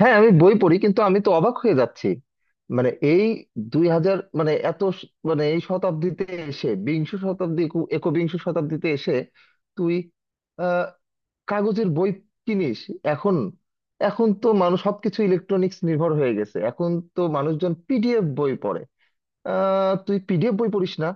হ্যাঁ, আমি বই পড়ি, কিন্তু আমি তো অবাক হয়ে যাচ্ছি। মানে এই 2000 মানে এত মানে এই শতাব্দীতে এসে, বিংশ শতাব্দী একবিংশ শতাব্দীতে এসে তুই আহ কাগজের বই কিনিস এখন? এখন তো মানুষ সবকিছু ইলেকট্রনিক্স নির্ভর হয়ে গেছে, এখন তো মানুষজন পিডিএফ বই পড়ে। তুই পিডিএফ বই পড়িস না?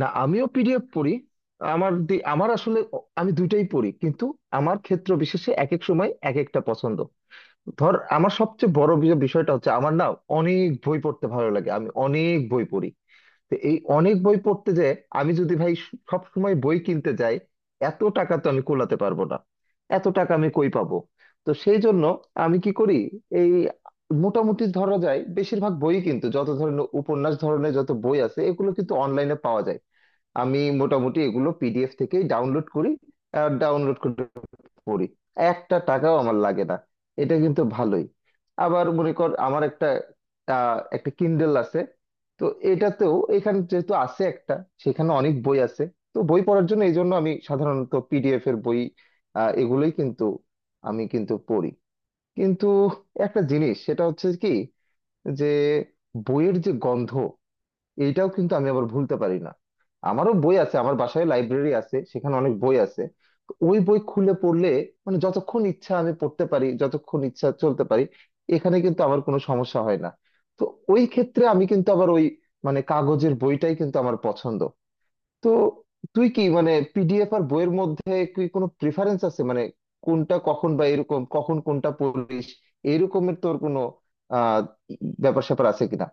না, আমিও পিডিএফ পড়ি। আমার আমার আসলে আমি দুইটাই পড়ি, কিন্তু আমার ক্ষেত্র বিশেষে এক এক সময় এক একটা পছন্দ। ধর, আমার সবচেয়ে বড় বিষয়টা হচ্ছে, আমার না অনেক বই পড়তে ভালো লাগে, আমি অনেক বই পড়ি। তো এই অনেক বই পড়তে যে, আমি যদি ভাই সব সময় বই কিনতে যাই, এত টাকা তো আমি কুলাতে পারবো না, এত টাকা আমি কই পাবো? তো সেই জন্য আমি কি করি, এই মোটামুটি ধরা যায়, বেশিরভাগ বই কিন্তু যত ধরনের উপন্যাস ধরনের যত বই আছে, এগুলো কিন্তু অনলাইনে পাওয়া যায়। আমি মোটামুটি এগুলো পিডিএফ থেকেই ডাউনলোড করি, ডাউনলোড করে পড়ি, একটা টাকাও আমার লাগে না। এটা কিন্তু ভালোই। আবার মনে কর, আমার একটা একটা কিন্ডেল আছে। তো এটাতেও এখানে যেহেতু আছে, একটা সেখানে অনেক বই আছে। তো বই পড়ার জন্য এই জন্য আমি সাধারণত পিডিএফ এর বই এগুলোই কিন্তু আমি কিন্তু পড়ি। কিন্তু একটা জিনিস, সেটা হচ্ছে কি যে, বইয়ের যে গন্ধ এইটাও কিন্তু আমি আবার ভুলতে পারি না। আমারও বই আছে, আমার বাসায় লাইব্রেরি আছে, সেখানে অনেক বই আছে। তো ওই বই খুলে পড়লে মানে যতক্ষণ ইচ্ছা আমি পড়তে পারি, যতক্ষণ ইচ্ছা চলতে পারি, এখানে কিন্তু আমার কোনো সমস্যা হয় না। তো ওই ক্ষেত্রে আমি কিন্তু আবার ওই মানে কাগজের বইটাই কিন্তু আমার পছন্দ। তো তুই কি মানে পিডিএফ আর বইয়ের মধ্যে কি কোনো প্রিফারেন্স আছে মানে, কোনটা কখন বা এরকম কখন কোনটা পড়িস, এরকমের তোর কোনো আহ ব্যাপার স্যাপার আছে কিনা?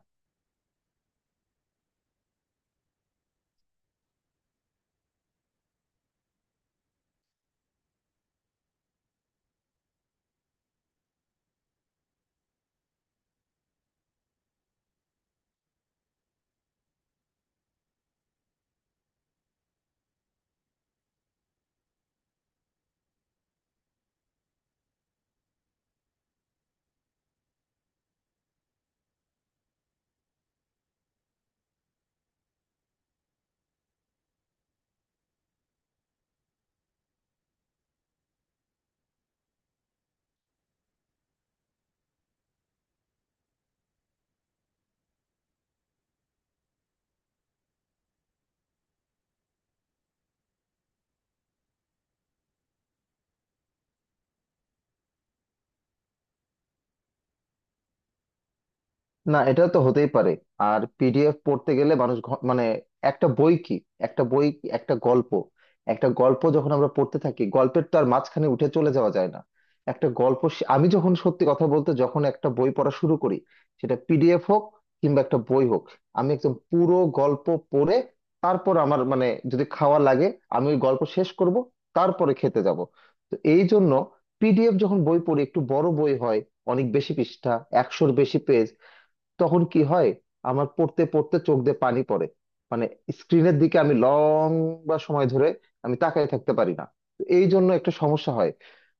না, এটা তো হতেই পারে। আর পিডিএফ পড়তে গেলে মানুষ মানে একটা বই কি, একটা বই কি? একটা গল্প, একটা গল্প যখন আমরা পড়তে থাকি, গল্পের তো আর মাঝখানে উঠে চলে যাওয়া যায় না। একটা গল্প আমি যখন সত্যি কথা বলতে, যখন একটা বই পড়া শুরু করি, সেটা পিডিএফ হোক কিংবা একটা বই হোক, আমি একদম পুরো গল্প পড়ে তারপর আমার মানে যদি খাওয়া লাগে, আমি ওই গল্প শেষ করব, তারপরে খেতে যাব। তো এই জন্য পিডিএফ যখন বই পড়ি, একটু বড় বই হয়, অনেক বেশি পৃষ্ঠা, 100-র বেশি পেজ, তখন কি হয়, আমার পড়তে পড়তে চোখ দিয়ে পানি পড়ে। মানে স্ক্রিনের দিকে আমি লং বা সময় ধরে আমি তাকায় থাকতে পারি না। তো এই জন্য একটা সমস্যা হয়।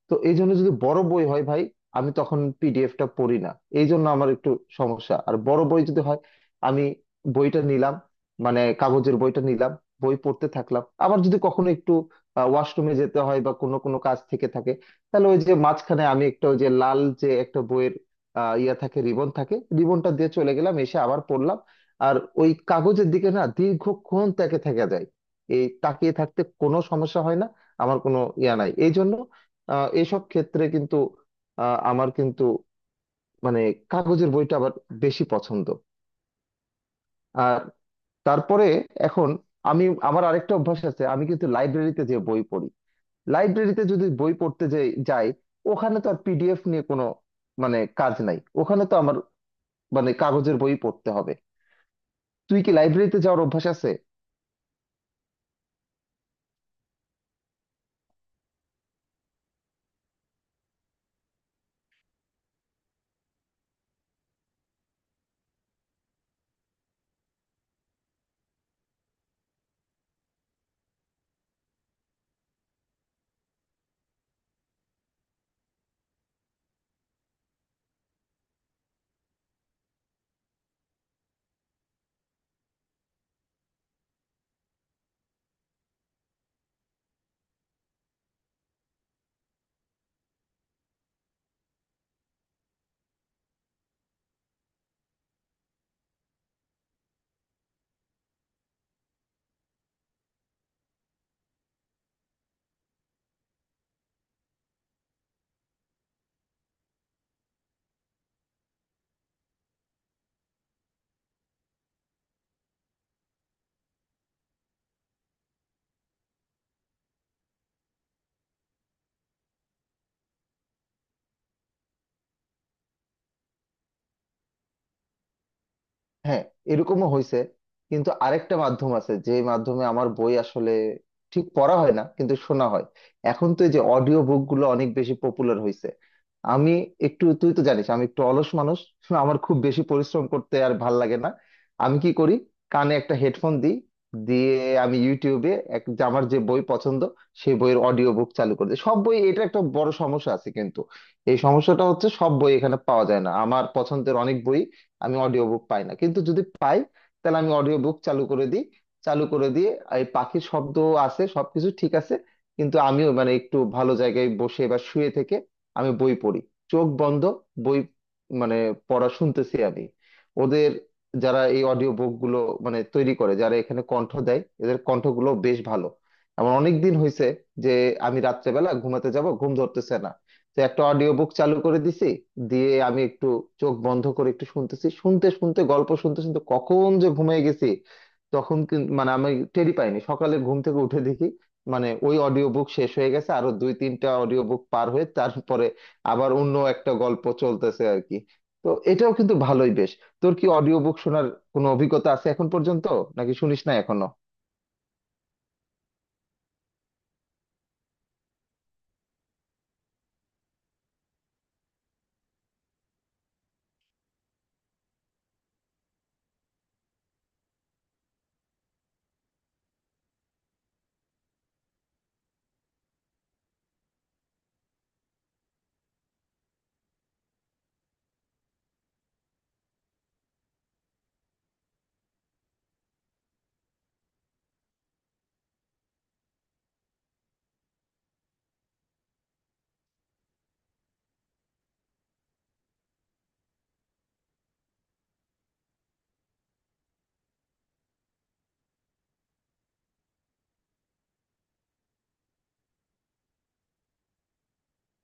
তো এই জন্য যদি বড় বই হয় ভাই, আমি তখন পিডিএফটা পড়ি না, এই জন্য আমার একটু সমস্যা। আর বড় বই যদি হয়, আমি বইটা নিলাম, মানে কাগজের বইটা নিলাম, বই পড়তে থাকলাম, আবার যদি কখনো একটু ওয়াশরুমে যেতে হয় বা কোনো কোনো কাজ থেকে থাকে, তাহলে ওই যে মাঝখানে আমি একটা ওই যে লাল যে একটা বইয়ের ইয়া থাকে, রিবন থাকে, রিবনটা দিয়ে চলে গেলাম, এসে আবার পড়লাম। আর ওই কাগজের দিকে না দীর্ঘক্ষণ তাকে থাকা যায়, এই তাকিয়ে থাকতে কোনো সমস্যা হয় না, আমার কোনো ইয়া নাই এই জন্য। এইসব ক্ষেত্রে কিন্তু আমার কিন্তু মানে কাগজের বইটা আবার বেশি পছন্দ। আর তারপরে এখন আমি, আমার আরেকটা অভ্যাস আছে, আমি কিন্তু লাইব্রেরিতে যে বই পড়ি, লাইব্রেরিতে যদি বই পড়তে যাই যাই, ওখানে তো আর পিডিএফ নিয়ে কোনো মানে কাজ নাই, ওখানে তো আমার মানে কাগজের বই পড়তে হবে। তুই কি লাইব্রেরিতে যাওয়ার অভ্যাস আছে? হ্যাঁ, এরকমও হয়েছে। কিন্তু আরেকটা মাধ্যম আছে, যে মাধ্যমে আমার বই আসলে ঠিক পড়া হয় না, কিন্তু শোনা হয়। এখন তো এই যে অডিও বুক গুলো অনেক বেশি পপুলার হয়েছে। আমি একটু, তুই তো জানিস আমি একটু অলস মানুষ, আমার খুব বেশি পরিশ্রম করতে আর ভাল লাগে না। আমি কি করি, কানে একটা হেডফোন দিই, দিয়ে আমি ইউটিউবে এক যে আমার যে বই পছন্দ, সেই বইয়ের অডিও বুক চালু করে দিই। সব বই, এটা একটা বড় সমস্যা আছে কিন্তু, এই সমস্যাটা হচ্ছে সব বই এখানে পাওয়া যায় না, আমার পছন্দের অনেক বই আমি অডিও বুক পাই না। কিন্তু যদি পাই, তাহলে আমি অডিও বুক চালু করে দিই, চালু করে দিয়ে এই পাখির শব্দ আছে, সবকিছু ঠিক আছে, কিন্তু আমিও মানে একটু ভালো জায়গায় বসে বা শুয়ে থেকে আমি বই পড়ি, চোখ বন্ধ, বই মানে পড়া শুনতেছি আমি। ওদের, যারা এই অডিও বুক গুলো মানে তৈরি করে, যারা এখানে কণ্ঠ দেয়, এদের কণ্ঠগুলো বেশ ভালো। এমন অনেক দিন হয়েছে যে, আমি রাত্রেবেলা ঘুমাতে যাব, ঘুম ধরতেছে না, তো একটা অডিও বুক চালু করে দিছি, দিয়ে আমি একটু চোখ বন্ধ করে একটু শুনতেছি, শুনতে শুনতে গল্প শুনতে শুনতে কখন যে ঘুমিয়ে গেছি তখন কিন্তু মানে আমি টেরই পাইনি। সকালে ঘুম থেকে উঠে দেখি মানে ওই অডিও বুক শেষ হয়ে গেছে, আরো দুই তিনটা অডিও বুক পার হয়ে তারপরে আবার অন্য একটা গল্প চলতেছে আর কি। তো এটাও কিন্তু ভালোই বেশ। তোর কি অডিও বুক শোনার কোনো অভিজ্ঞতা আছে এখন পর্যন্ত, নাকি শুনিস না এখনো?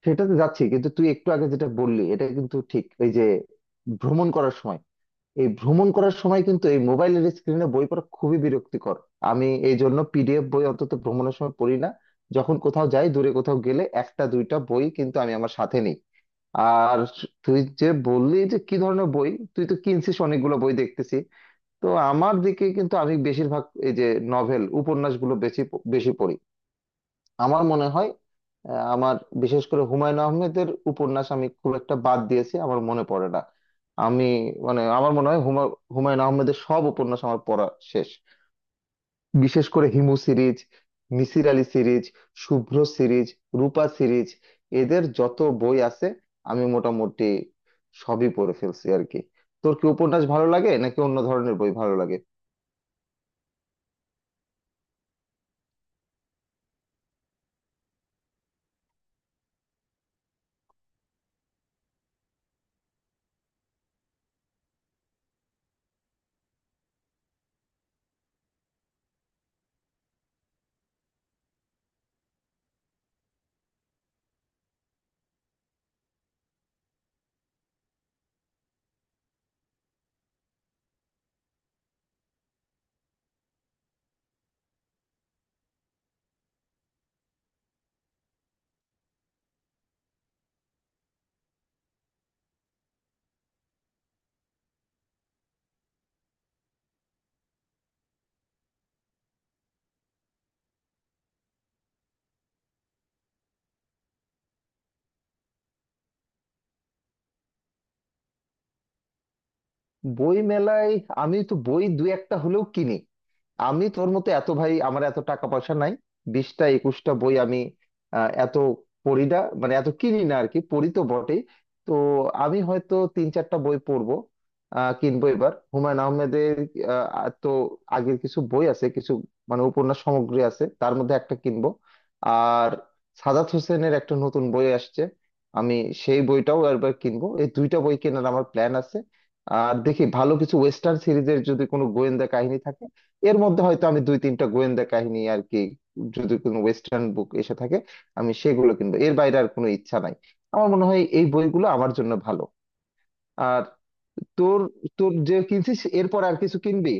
সেটাতে যাচ্ছি, কিন্তু তুই একটু আগে যেটা বললি এটা কিন্তু ঠিক, এই যে ভ্রমণ করার সময়, এই ভ্রমণ করার সময় কিন্তু এই মোবাইলের স্ক্রিনে বই পড়া খুবই বিরক্তিকর। আমি এই জন্য পিডিএফ বই অন্তত ভ্রমণের সময় পড়ি না। যখন কোথাও যাই, দূরে কোথাও গেলে একটা দুইটা বই কিন্তু আমি আমার সাথে নিই। আর তুই যে বললি যে কি ধরনের বই, তুই তো কিনছিস অনেকগুলো বই দেখতেছি। তো আমার দিকে কিন্তু আমি বেশিরভাগ এই যে নভেল উপন্যাসগুলো বেশি বেশি পড়ি। আমার মনে হয় আমার বিশেষ করে হুমায়ুন আহমেদের উপন্যাস আমি খুব একটা বাদ দিয়েছি আমার মনে পড়ে না। আমি মানে আমার মনে হয় হুমায়ুন আহমেদের সব উপন্যাস আমার পড়া শেষ। বিশেষ করে Himu series, Misir Ali series, Shubhro series, Rupa series, এদের যত বই আছে আমি মোটামুটি সবই পড়ে ফেলছি আর কি। তোর কি উপন্যাস ভালো লাগে নাকি অন্য ধরনের বই ভালো লাগে? বই মেলায় আমি তো বই দুই একটা হলেও কিনি। আমি তোর মতো এত ভাই, আমার এত টাকা পয়সা নাই। 20-21টা বই আমি এত পড়ি না মানে এত কিনি না আর কি, পড়ি তো বটেই। তো আমি হয়তো তিন চারটা বই পড়বো কিনবো এবার হুমায়ুন আহমেদের তো আগের কিছু বই আছে, কিছু মানে উপন্যাস সামগ্রী আছে তার মধ্যে একটা কিনবো। আর সাদাত হোসেনের একটা নতুন বই আসছে, আমি সেই বইটাও একবার কিনবো। এই দুইটা বই কেনার আমার প্ল্যান আছে। আর দেখি ভালো কিছু ওয়েস্টার্ন সিরিজের, যদি কোনো গোয়েন্দা কাহিনী থাকে এর মধ্যে হয়তো আমি দুই তিনটা গোয়েন্দা কাহিনী আর কি, যদি কোনো ওয়েস্টার্ন বুক এসে থাকে আমি সেগুলো কিনবো। এর বাইরে আর কোনো ইচ্ছা নাই, আমার মনে হয় এই বইগুলো আমার জন্য ভালো। আর তোর, তোর যে কিনছিস এরপর আর কিছু কিনবি?